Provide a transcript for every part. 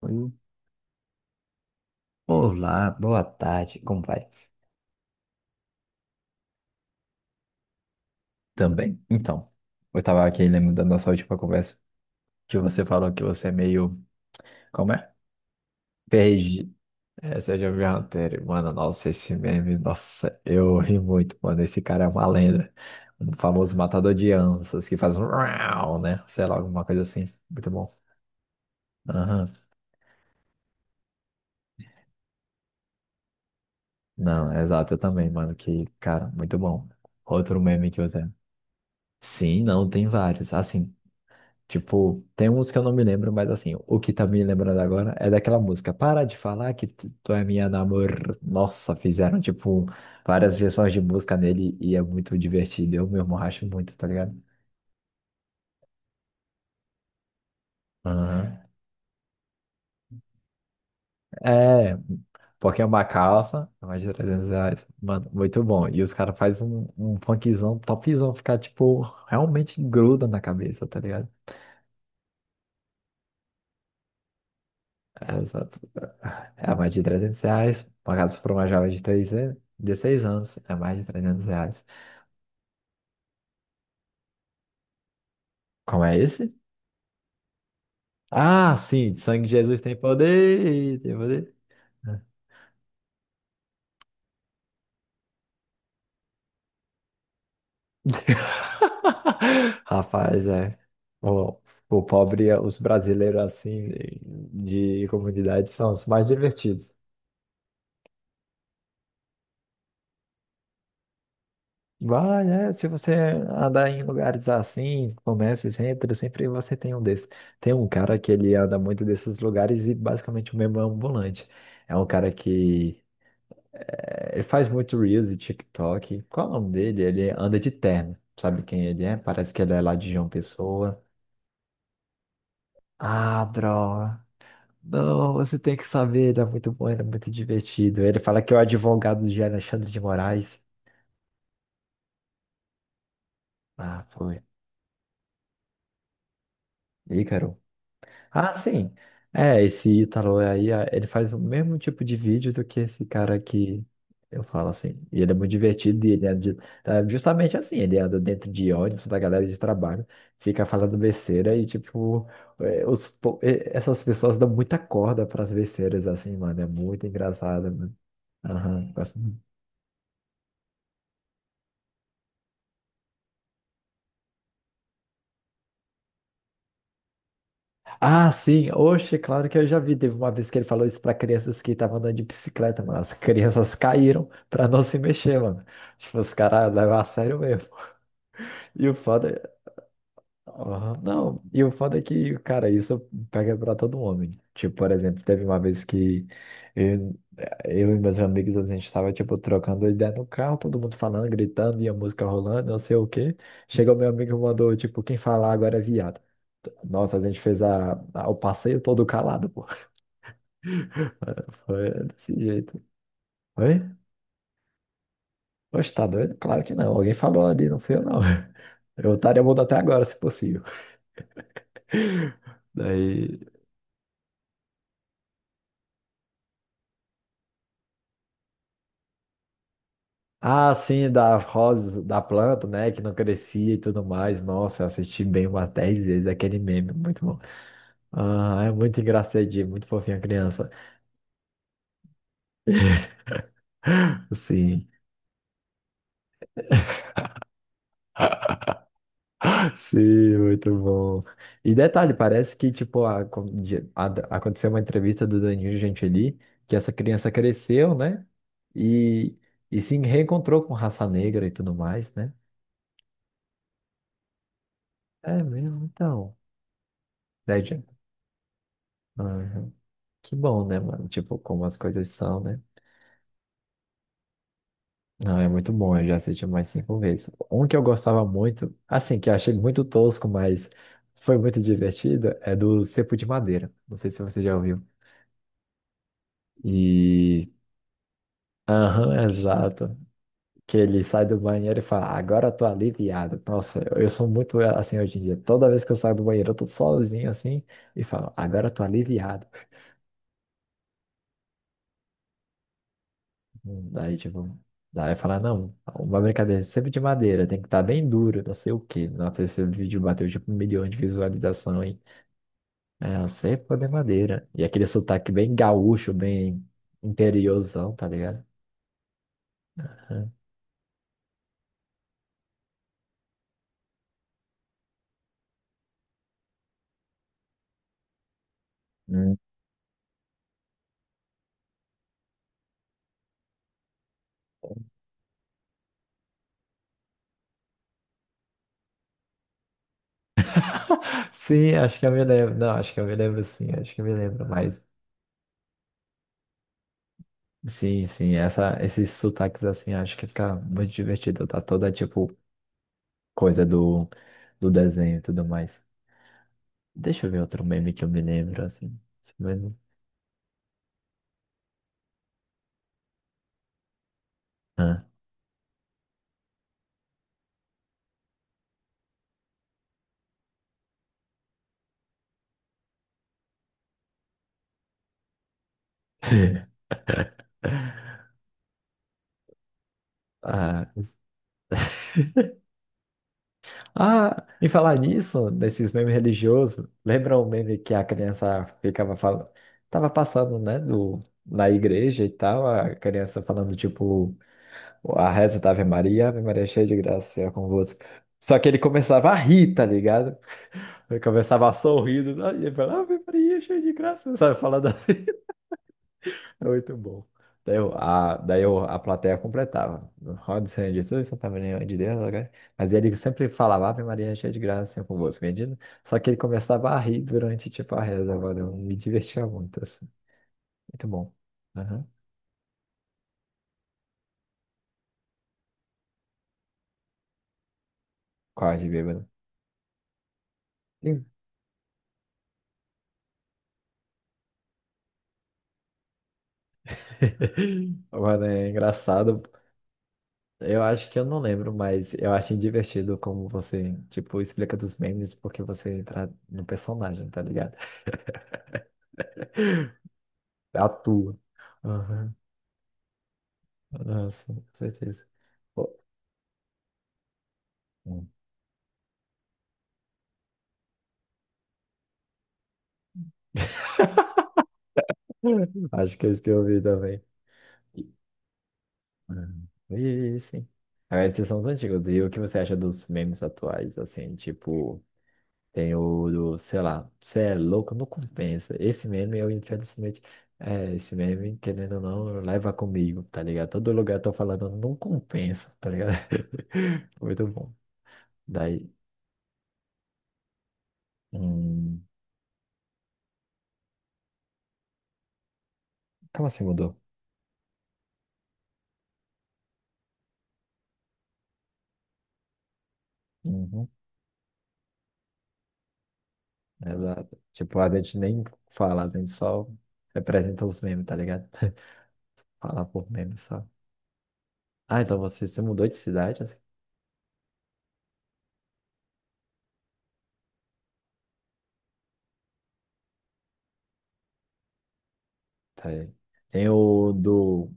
Oi. Olá, boa tarde, como vai? Também. Então, eu tava aqui lembrando da nossa última conversa, que você falou que você é meio. Como é? PRG. É, você já viu Hunter? Mano, nossa, esse meme, nossa, eu ri muito, mano. Esse cara é uma lenda. Um famoso matador de anças que faz um rau, né? Sei lá, alguma coisa assim. Muito bom. Aham. Não, é exato, eu também, mano. Que, cara, muito bom. Outro meme que você. Sim, não, tem vários. Assim. Tipo, tem uns que eu não me lembro, mas assim, o que tá me lembrando agora é daquela música. Para de falar que tu é minha namor. Nossa, fizeram, tipo, várias versões de música nele e é muito divertido. Eu mesmo racho muito, tá ligado? Aham. É, porque é uma calça, é mais de R$ 300. Mano, muito bom. E os caras fazem um funkzão topzão, ficar, tipo, realmente gruda na cabeça, tá ligado? É, exato. É mais de R$ 300. Pagados por uma jovem de 3, 16 anos. É mais de R$ 300. Como é esse? Ah, sim. Sangue de Jesus tem poder. Tem poder. Rapaz, é. O, o pobre, os brasileiros assim, de comunidade, são os mais divertidos. Vai, né? Se você andar em lugares assim, comércios, centros, sempre você tem um desses. Tem um cara que ele anda muito desses lugares e basicamente o mesmo é um ambulante. É um cara que ele faz muito Reels e TikTok. Qual é o nome dele? Ele anda de terno. Sabe quem ele é? Parece que ele é lá de João Pessoa. Ah, droga. Não, você tem que saber. Ele é muito bom, ele é muito divertido. Ele fala que é o advogado de Alexandre de Moraes. Ah, foi. Ícaro. Ah, sim. É, esse Ítalo é aí, ah, ele faz o mesmo tipo de vídeo do que esse cara que eu falo assim. E ele é muito divertido e ele é é justamente assim, ele anda dentro de ônibus da galera de trabalho, fica falando besteira e tipo, é, os é, essas pessoas dão muita corda para as besteiras assim, mano, é muito engraçado, mano. Aham, gosto. Ah, sim. Oxe, claro que eu já vi. Teve uma vez que ele falou isso pra crianças que estavam andando de bicicleta, mano. As crianças caíram pra não se mexer, mano. Tipo, os caras levam a sério mesmo. E o foda, aham. Não, e o foda é que, cara, isso pega pra todo homem. Tipo, por exemplo, teve uma vez que eu, eu e meus amigos, a gente tava, tipo, trocando ideia no carro, todo mundo falando, gritando, e a música rolando, não sei o quê. Chegou meu amigo e mandou, tipo, quem falar agora é viado. Nossa, a gente fez o passeio todo calado, pô. Foi desse jeito. Oi? Poxa, tá doido? Claro que não. Alguém falou ali, não foi eu, não. Eu estaria mudo até agora, se possível. Daí. Ah, sim, da rosa, da planta, né? Que não crescia e tudo mais. Nossa, eu assisti bem umas 10 vezes aquele meme. Muito bom. Ah, é muito engraçadinho, muito fofinha a criança. Sim. Sim, muito bom. E detalhe, parece que, tipo, aconteceu uma entrevista do Danilo Gentili, que essa criança cresceu, né? E, e se reencontrou com raça negra e tudo mais, né? É mesmo, então. Né, Jean? Aham. Que bom, né, mano? Tipo, como as coisas são, né? Não, é muito bom, eu já assisti mais cinco vezes. Um que eu gostava muito, assim, que eu achei muito tosco, mas foi muito divertido, é do Cepo de Madeira. Não sei se você já ouviu. E. Aham, exato. Que ele sai do banheiro e fala, agora eu tô aliviado. Nossa, eu sou muito assim hoje em dia. Toda vez que eu saio do banheiro, eu tô sozinho assim e falo, agora eu tô aliviado. Daí, tipo, daí fala, não, uma brincadeira sempre de madeira, tem que estar bem duro, não sei o quê. Nossa, esse vídeo bateu tipo 1 milhão de visualizações. É, a cepa de madeira. E aquele sotaque bem gaúcho, bem interiorzão, tá ligado? É. Hum. Sim, acho que eu me lembro. Não, acho que eu me lembro sim, acho que eu me lembro, mas. Sim, sim, essa, esses sotaques assim, acho que fica muito divertido. Tá toda tipo coisa do, do desenho e tudo mais. Deixa eu ver outro meme que eu me lembro, assim. Esse meme. Ah. Ah, ah, e falar nisso, desses memes religiosos, lembra o meme que a criança ficava falando, tava passando, né, do, na igreja e tal, a criança falando, tipo, a reza da Ave Maria, Ave Maria é cheia de graça, Senhor é convosco. Só que ele começava a rir, tá ligado? Ele começava a sorrir, e ele falava, Ave Maria cheia de graça, sabe, falando assim. É muito bom. Daí, eu, a, a plateia completava. Roda Senhor Jesus, Santa Maria, Mãe de Deus. Ok? Mas ele sempre falava, Ave Maria, cheia de graça, Senhor é convosco, bendito. Só que ele começava a rir durante, tipo, a reza, mano. Eu me divertia muito, assim. Muito bom. Uhum. Quase bêbado. Sim. Mano, é engraçado. Eu acho que eu não lembro, mas eu acho divertido como você, tipo, explica dos memes porque você entra no personagem, tá ligado? Atua. Nossa, com certeza. Pô, hum. Acho que é isso que eu ouvi também. E, e sim. Agora, esses são os antigos. E o que você acha dos memes atuais? Assim, tipo, tem o do, sei lá, você é louco, não compensa. Esse meme, eu infelizmente, é, esse meme, querendo ou não, leva comigo, tá ligado? Todo lugar eu tô falando, não compensa, tá ligado? Muito bom. Daí, hum, como assim mudou? Uhum. Exato. Tipo, a gente nem fala, a gente só representa os memes, tá ligado? Fala por memes só. Ah, então você se mudou de cidade? Tá aí. Tem o do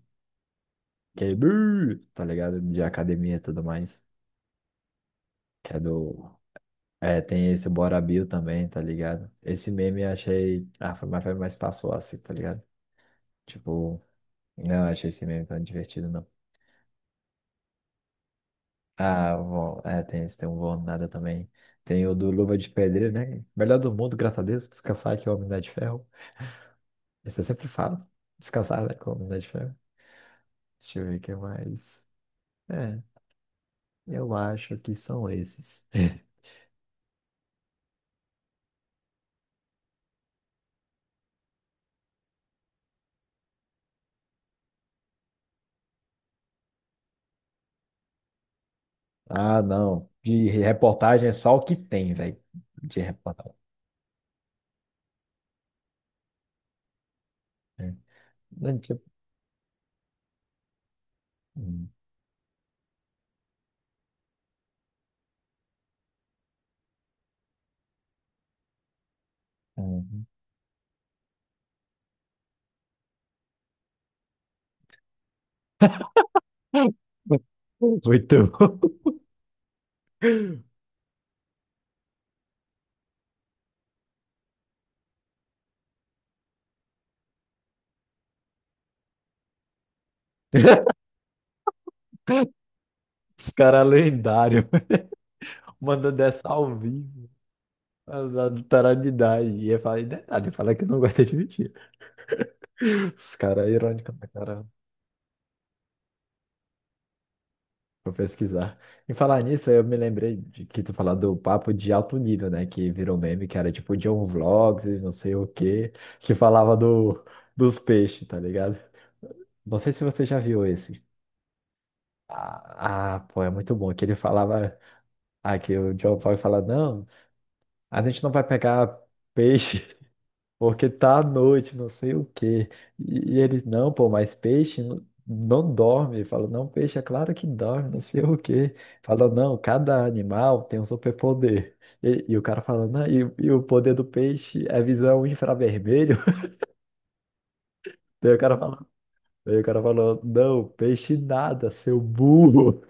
aquele brrr, tá ligado? De academia e tudo mais. Que é do. É, tem esse Bora Bill também, tá ligado? Esse meme eu achei. Ah, foi mais passou assim, tá ligado? Tipo, não achei esse meme tão divertido, não. Ah, bom, é, tem esse, tem um bom nada também. Tem o do Luva de Pedreiro, né? Melhor do mundo, graças a Deus, descansar que é o Homem de Ferro. Esse eu sempre falo, descansar né, que é o Homem de Ferro. Deixa eu ver o que mais. É, eu acho que são esses. Ah, não, de reportagem é só o que tem, velho, de reportagem. É. Não, tipo, hum, hum. Muito bom. Os caras lendários, mandando essa ao vivo. Azar tarado de idade. E ia falar, e detalhe, falar que não gosta de mentir. Os caras irônicos pra cara. Vou pesquisar. Em falar nisso, eu me lembrei de que tu falou do papo de alto nível, né? Que virou meme, que era tipo John Vlogs e não sei o quê, que falava do, dos peixes, tá ligado? Não sei se você já viu esse. Ah, ah, pô, é muito bom. Que ele falava. Ah, que o John Vlog fala: não, a gente não vai pegar peixe. Porque tá à noite, não sei o quê. E eles, não, pô, mas peixe não, não dorme. Falou, não, peixe é claro que dorme, não sei o quê. Falou, não, cada animal tem um superpoder. E o cara falando, não, e o poder do peixe é visão infravermelho. Daí o cara falou, não, peixe nada, seu burro.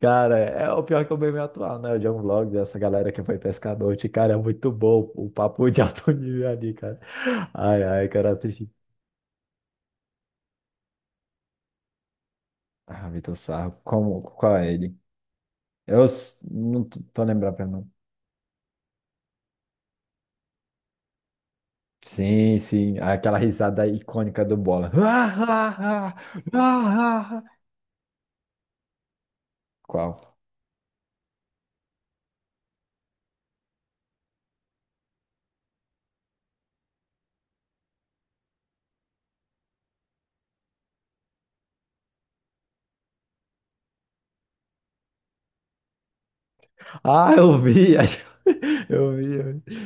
Cara, é o pior que é o meme atual, né? O John Vlog dessa galera que foi pescar à noite. Cara, é muito bom o papo de alto nível ali, cara. Ai, ai, cara, assisti. Ah, Vitor Sarro, como, qual é ele? Eu não tô lembrando pra não. Sim, sim, aquela risada icônica do Bola. Ah, ah, ah, ah, ah. Qual? Ah, eu vi, acho, eu vi, eu vi.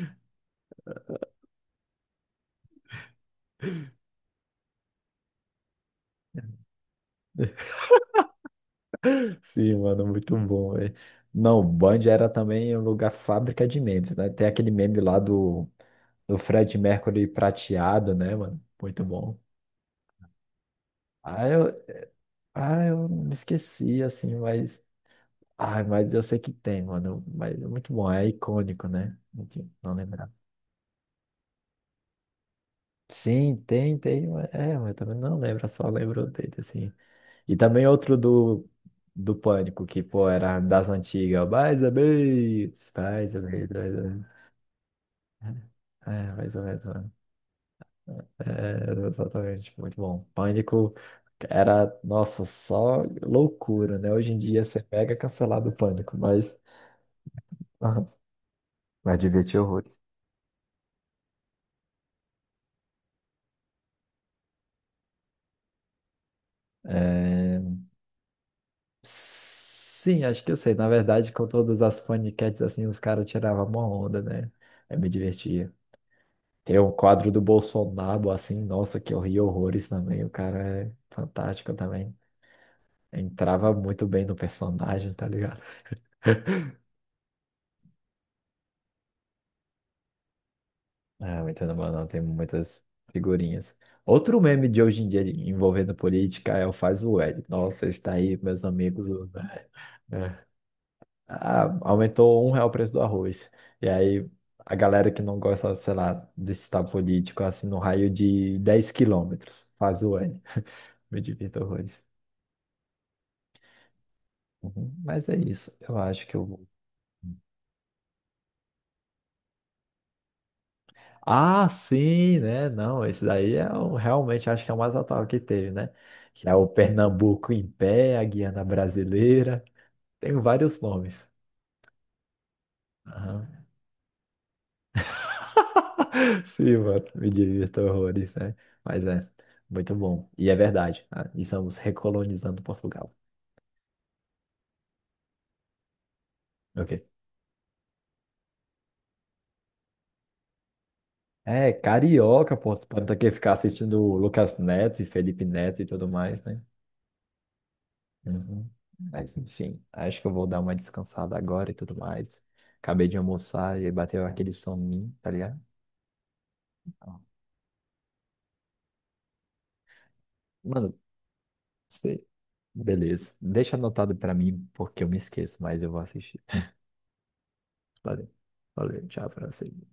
Sim, mano, muito bom, velho. Não, o Band era também um lugar fábrica de memes, né? Tem aquele meme lá do, do Fred Mercury prateado, né, mano? Muito bom. Ah, eu, eu me esqueci, assim, mas. Ai, mas eu sei que tem, mano. Mas é muito bom, é icônico, né? Enfim, não lembrar. Sim, tem, tem. Mas, é, mas também não lembro, só lembro dele, assim. E também outro do, do Pânico, que, pô, era das antigas. Mais ou menos, mais ou menos. Mais ou menos. É, é, mais ou menos, mano. É, é, exatamente, muito bom. Pânico era, nossa, só loucura, né? Hoje em dia você pega cancelado o Pânico, mas... Mas divertia horrores. É, sim, acho que eu sei. Na verdade, com todas as paniquetes assim, os caras tiravam uma onda, né? Eu me divertia. Tem um quadro do Bolsonaro, assim, nossa, que eu ri horrores também. O cara é fantástico também. Entrava muito bem no personagem, tá ligado? Ah, muito no não, tem muitas figurinhas. Outro meme de hoje em dia envolvendo política é o Faz o L. Nossa, está aí, meus amigos. O. Ah, aumentou R$ 1 o preço do arroz. E aí a galera que não gosta, sei lá, desse estado político, assim, no raio de 10 km, faz o N. Me divirto horrores. Uhum. Mas é isso, eu acho que eu vou. Ah, sim, né? Não, esse daí é o, realmente acho que é o mais atual que teve, né? Que é o Pernambuco em pé, a Guiana Brasileira. Tem vários nomes. Sim, mano, me divirto horrores, né? Mas é, muito bom. E é verdade, ah, estamos recolonizando Portugal. Ok. É, carioca, pô, para não ter que ficar assistindo o Lucas Neto e Felipe Neto e tudo mais, né? Uhum. Mas enfim, acho que eu vou dar uma descansada agora e tudo mais. Acabei de almoçar e bateu aquele soninho, tá ligado? Ó, mano, você, beleza. Deixa anotado pra mim, porque eu me esqueço, mas eu vou assistir. Valeu. Valeu, tchau pra você.